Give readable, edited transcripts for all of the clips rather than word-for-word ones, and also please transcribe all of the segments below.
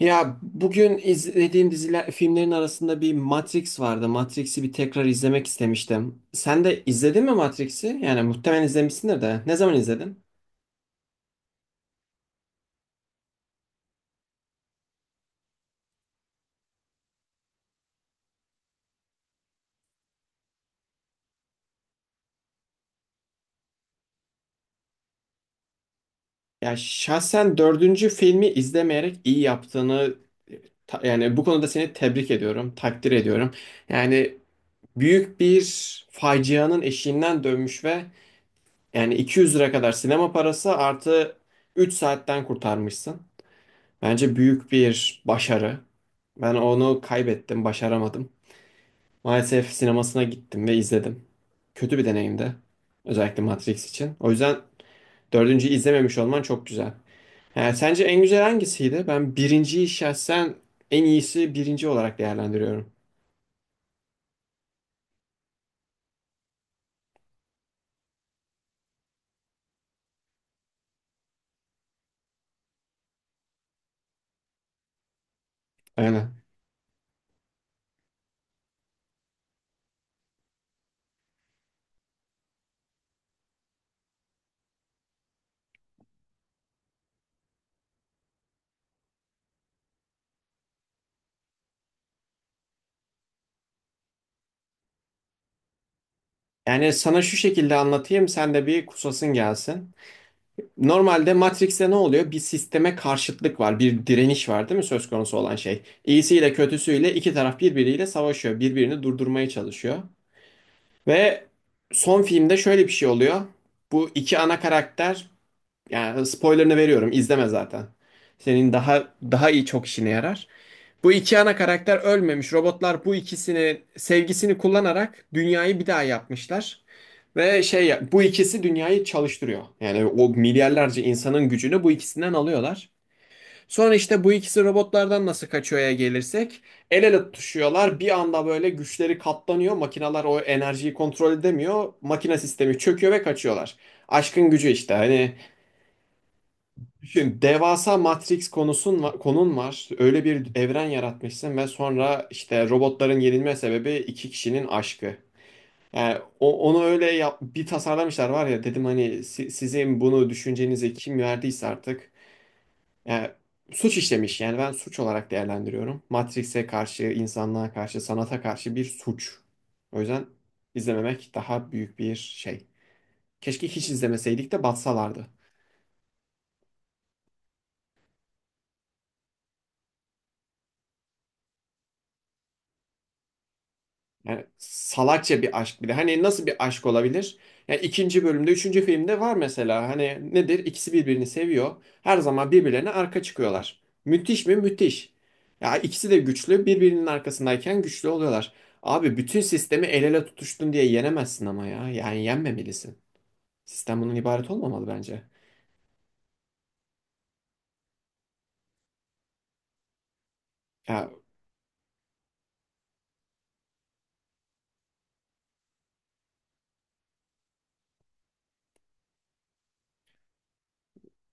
Ya bugün izlediğim diziler, filmlerin arasında bir Matrix vardı. Matrix'i bir tekrar izlemek istemiştim. Sen de izledin mi Matrix'i? Yani muhtemelen izlemişsindir de. Ne zaman izledin? Ya şahsen dördüncü filmi izlemeyerek iyi yaptığını yani bu konuda seni tebrik ediyorum, takdir ediyorum. Yani büyük bir facianın eşiğinden dönmüş ve yani 200 lira kadar sinema parası artı 3 saatten kurtarmışsın. Bence büyük bir başarı. Ben onu kaybettim, başaramadım. Maalesef sinemasına gittim ve izledim. Kötü bir deneyimdi. Özellikle Matrix için. O yüzden dördüncüyü izlememiş olman çok güzel. Yani sence en güzel hangisiydi? Ben birinciyi şahsen en iyisi birinci olarak değerlendiriyorum. Aynen. Yani sana şu şekilde anlatayım, sen de bir kusasın gelsin. Normalde Matrix'te ne oluyor? Bir sisteme karşıtlık var, bir direniş var, değil mi söz konusu olan şey? İyisiyle kötüsüyle iki taraf birbiriyle savaşıyor, birbirini durdurmaya çalışıyor. Ve son filmde şöyle bir şey oluyor. Bu iki ana karakter, yani spoilerını veriyorum. İzleme zaten. Senin daha iyi çok işine yarar. Bu iki ana karakter ölmemiş. Robotlar bu ikisini sevgisini kullanarak dünyayı bir daha yapmışlar. Ve şey, bu ikisi dünyayı çalıştırıyor. Yani o milyarlarca insanın gücünü bu ikisinden alıyorlar. Sonra işte bu ikisi robotlardan nasıl kaçıyor'ya gelirsek el ele tutuşuyorlar. Bir anda böyle güçleri katlanıyor. Makineler o enerjiyi kontrol edemiyor. Makine sistemi çöküyor ve kaçıyorlar. Aşkın gücü işte. Hani düşün, devasa Matrix konun var. Öyle bir evren yaratmışsın ve sonra işte robotların yenilme sebebi iki kişinin aşkı. Yani onu öyle yap, bir tasarlamışlar var ya, dedim hani sizin bunu düşüncenize kim verdiyse artık yani suç işlemiş. Yani ben suç olarak değerlendiriyorum. Matrix'e karşı, insanlığa karşı, sanata karşı bir suç. O yüzden izlememek daha büyük bir şey. Keşke hiç izlemeseydik de batsalardı. Yani salakça bir aşk bir de. Hani nasıl bir aşk olabilir? Yani ikinci bölümde, üçüncü filmde var mesela. Hani nedir? İkisi birbirini seviyor. Her zaman birbirlerine arka çıkıyorlar. Müthiş mi? Müthiş. Ya, ikisi de güçlü. Birbirinin arkasındayken güçlü oluyorlar. Abi bütün sistemi el ele tutuştun diye yenemezsin ama ya. Yani yenmemelisin. Sistem bunun ibaret olmamalı bence. Ya,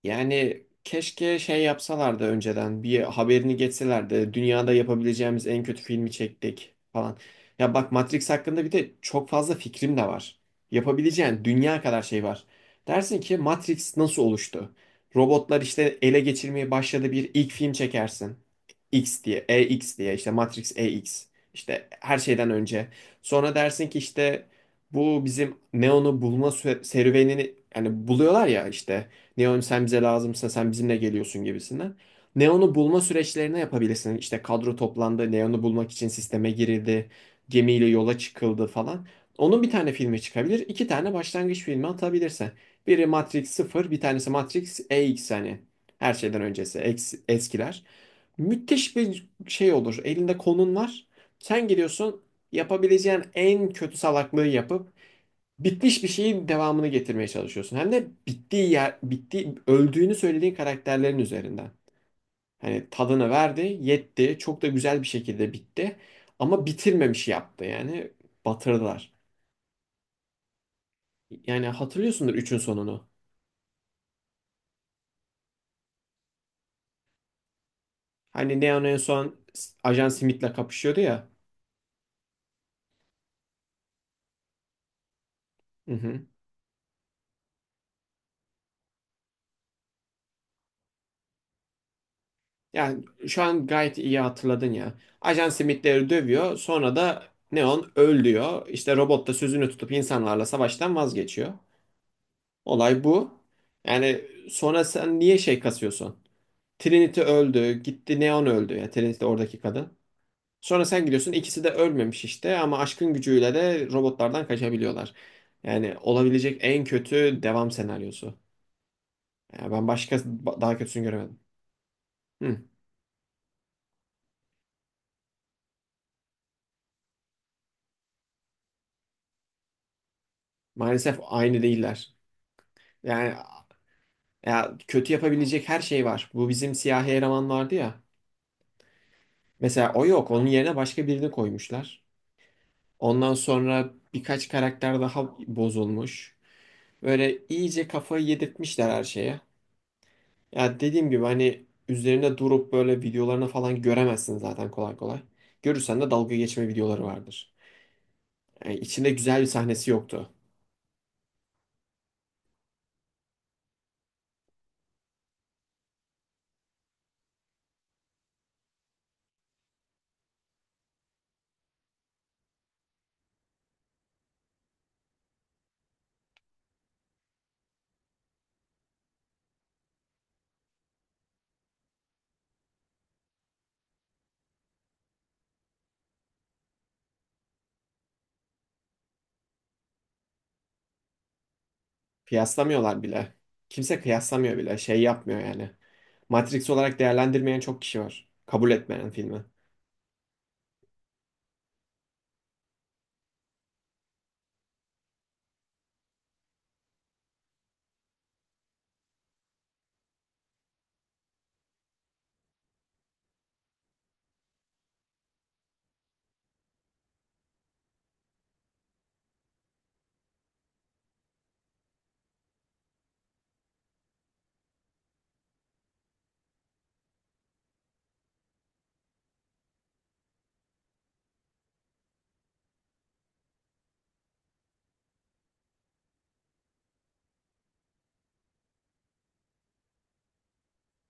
yani keşke şey yapsalardı, önceden bir haberini geçselerdi. Dünyada yapabileceğimiz en kötü filmi çektik falan. Ya bak, Matrix hakkında bir de çok fazla fikrim de var. Yapabileceğin dünya kadar şey var. Dersin ki Matrix nasıl oluştu? Robotlar işte ele geçirmeye başladı, bir ilk film çekersin. X diye, EX diye, işte Matrix EX, İşte her şeyden önce. Sonra dersin ki işte bu bizim Neo'nu bulma serüvenini, yani buluyorlar ya işte, Neon sen bize lazımsın, sen bizimle geliyorsun gibisinden. Neon'u bulma süreçlerini yapabilirsin. İşte kadro toplandı, Neon'u bulmak için sisteme girildi, gemiyle yola çıkıldı falan. Onun bir tane filmi çıkabilir, iki tane başlangıç filmi atabilirse. Biri Matrix sıfır, bir tanesi Matrix EX, hani her şeyden öncesi eskiler. Müthiş bir şey olur. Elinde konun var. Sen gidiyorsun, yapabileceğin en kötü salaklığı yapıp bitmiş bir şeyin devamını getirmeye çalışıyorsun. Hem de bittiği yer, bittiği, öldüğünü söylediğin karakterlerin üzerinden. Hani tadını verdi, yetti, çok da güzel bir şekilde bitti. Ama bitirmemiş yaptı, yani batırdılar. Yani hatırlıyorsundur üçün sonunu. Hani Neon en son Ajan Smith'le kapışıyordu ya. Hı hı. Yani şu an gayet iyi hatırladın ya. Ajan Smith'leri dövüyor, sonra da Neon öl diyor. İşte robot da sözünü tutup insanlarla savaştan vazgeçiyor. Olay bu. Yani sonra sen niye şey kasıyorsun? Trinity öldü, gitti, Neon öldü. Yani Trinity oradaki kadın. Sonra sen gidiyorsun, ikisi de ölmemiş işte, ama aşkın gücüyle de robotlardan kaçabiliyorlar. Yani olabilecek en kötü devam senaryosu. Yani ben başka daha kötüsünü göremedim. Hı. Maalesef aynı değiller. Yani ya, kötü yapabilecek her şey var. Bu bizim siyahi eleman vardı ya. Mesela o yok. Onun yerine başka birini koymuşlar. Ondan sonra birkaç karakter daha bozulmuş. Böyle iyice kafayı yedirtmişler her şeye. Ya dediğim gibi, hani üzerine durup böyle videolarını falan göremezsin zaten kolay kolay. Görürsen de dalga geçme videoları vardır. Yani içinde güzel bir sahnesi yoktu. Kıyaslamıyorlar bile. Kimse kıyaslamıyor bile. Şey yapmıyor yani. Matrix olarak değerlendirmeyen çok kişi var. Kabul etmeyen filmi.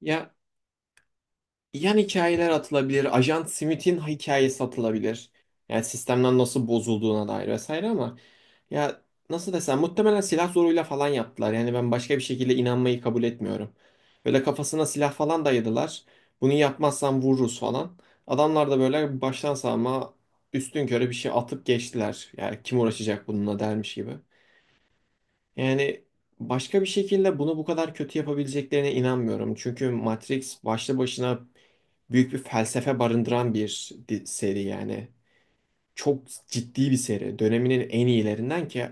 Ya, yan hikayeler atılabilir. Ajan Smith'in hikayesi atılabilir. Yani sistemden nasıl bozulduğuna dair vesaire ama ya, nasıl desem, muhtemelen silah zoruyla falan yaptılar. Yani ben başka bir şekilde inanmayı kabul etmiyorum. Böyle kafasına silah falan dayadılar. Bunu yapmazsan vururuz falan. Adamlar da böyle baştan savma, üstünkörü bir şey atıp geçtiler. Yani kim uğraşacak bununla dermiş gibi. Yani başka bir şekilde bunu bu kadar kötü yapabileceklerine inanmıyorum. Çünkü Matrix başlı başına büyük bir felsefe barındıran bir seri yani. Çok ciddi bir seri. Döneminin en iyilerinden ki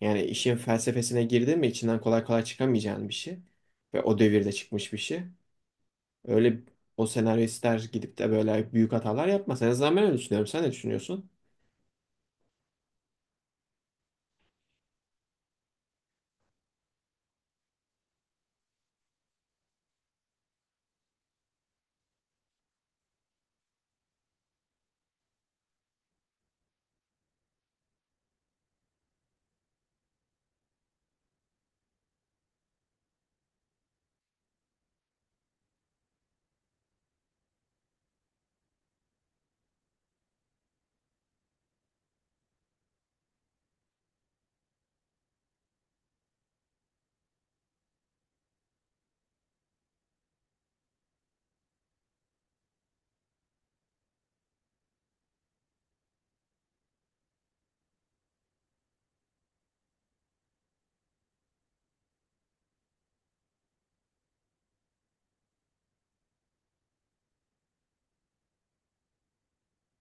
yani işin felsefesine girdi mi içinden kolay kolay çıkamayacağın bir şey. Ve o devirde çıkmış bir şey. Öyle o senaristler gidip de böyle büyük hatalar yapmaz. En azından ben öyle düşünüyorum. Sen ne düşünüyorsun?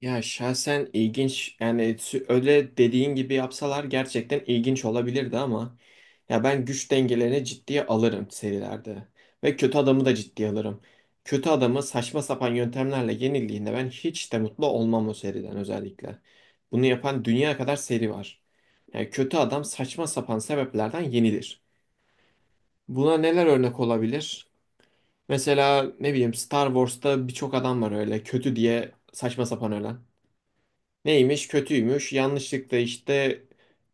Ya şahsen ilginç, yani öyle dediğin gibi yapsalar gerçekten ilginç olabilirdi ama ya, ben güç dengelerini ciddiye alırım serilerde ve kötü adamı da ciddiye alırım. Kötü adamı saçma sapan yöntemlerle yenildiğinde ben hiç de mutlu olmam o seriden, özellikle. Bunu yapan dünya kadar seri var. Yani kötü adam saçma sapan sebeplerden yenilir. Buna neler örnek olabilir? Mesela ne bileyim, Star Wars'ta birçok adam var öyle kötü diye saçma sapan ölen. Neymiş, kötüymüş. Yanlışlıkla işte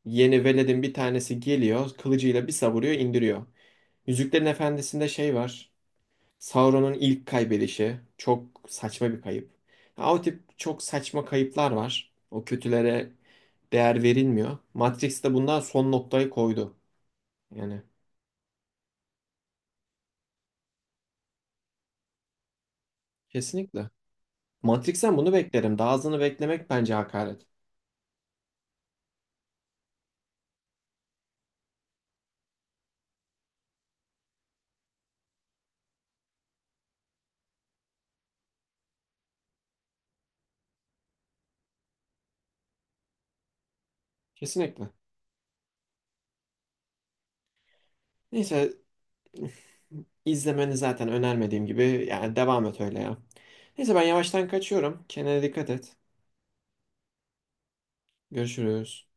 yeni veledin bir tanesi geliyor. Kılıcıyla bir savuruyor, indiriyor. Yüzüklerin Efendisi'nde şey var. Sauron'un ilk kaybedişi. Çok saçma bir kayıp. Ya, o tip çok saçma kayıplar var. O kötülere değer verilmiyor. Matrix de bundan son noktayı koydu. Yani kesinlikle. Matrix'ten bunu beklerim. Daha azını beklemek bence hakaret. Kesinlikle. Neyse, İzlemeni zaten önermediğim gibi, yani devam et öyle ya. Neyse, ben yavaştan kaçıyorum. Kendine dikkat et. Görüşürüz.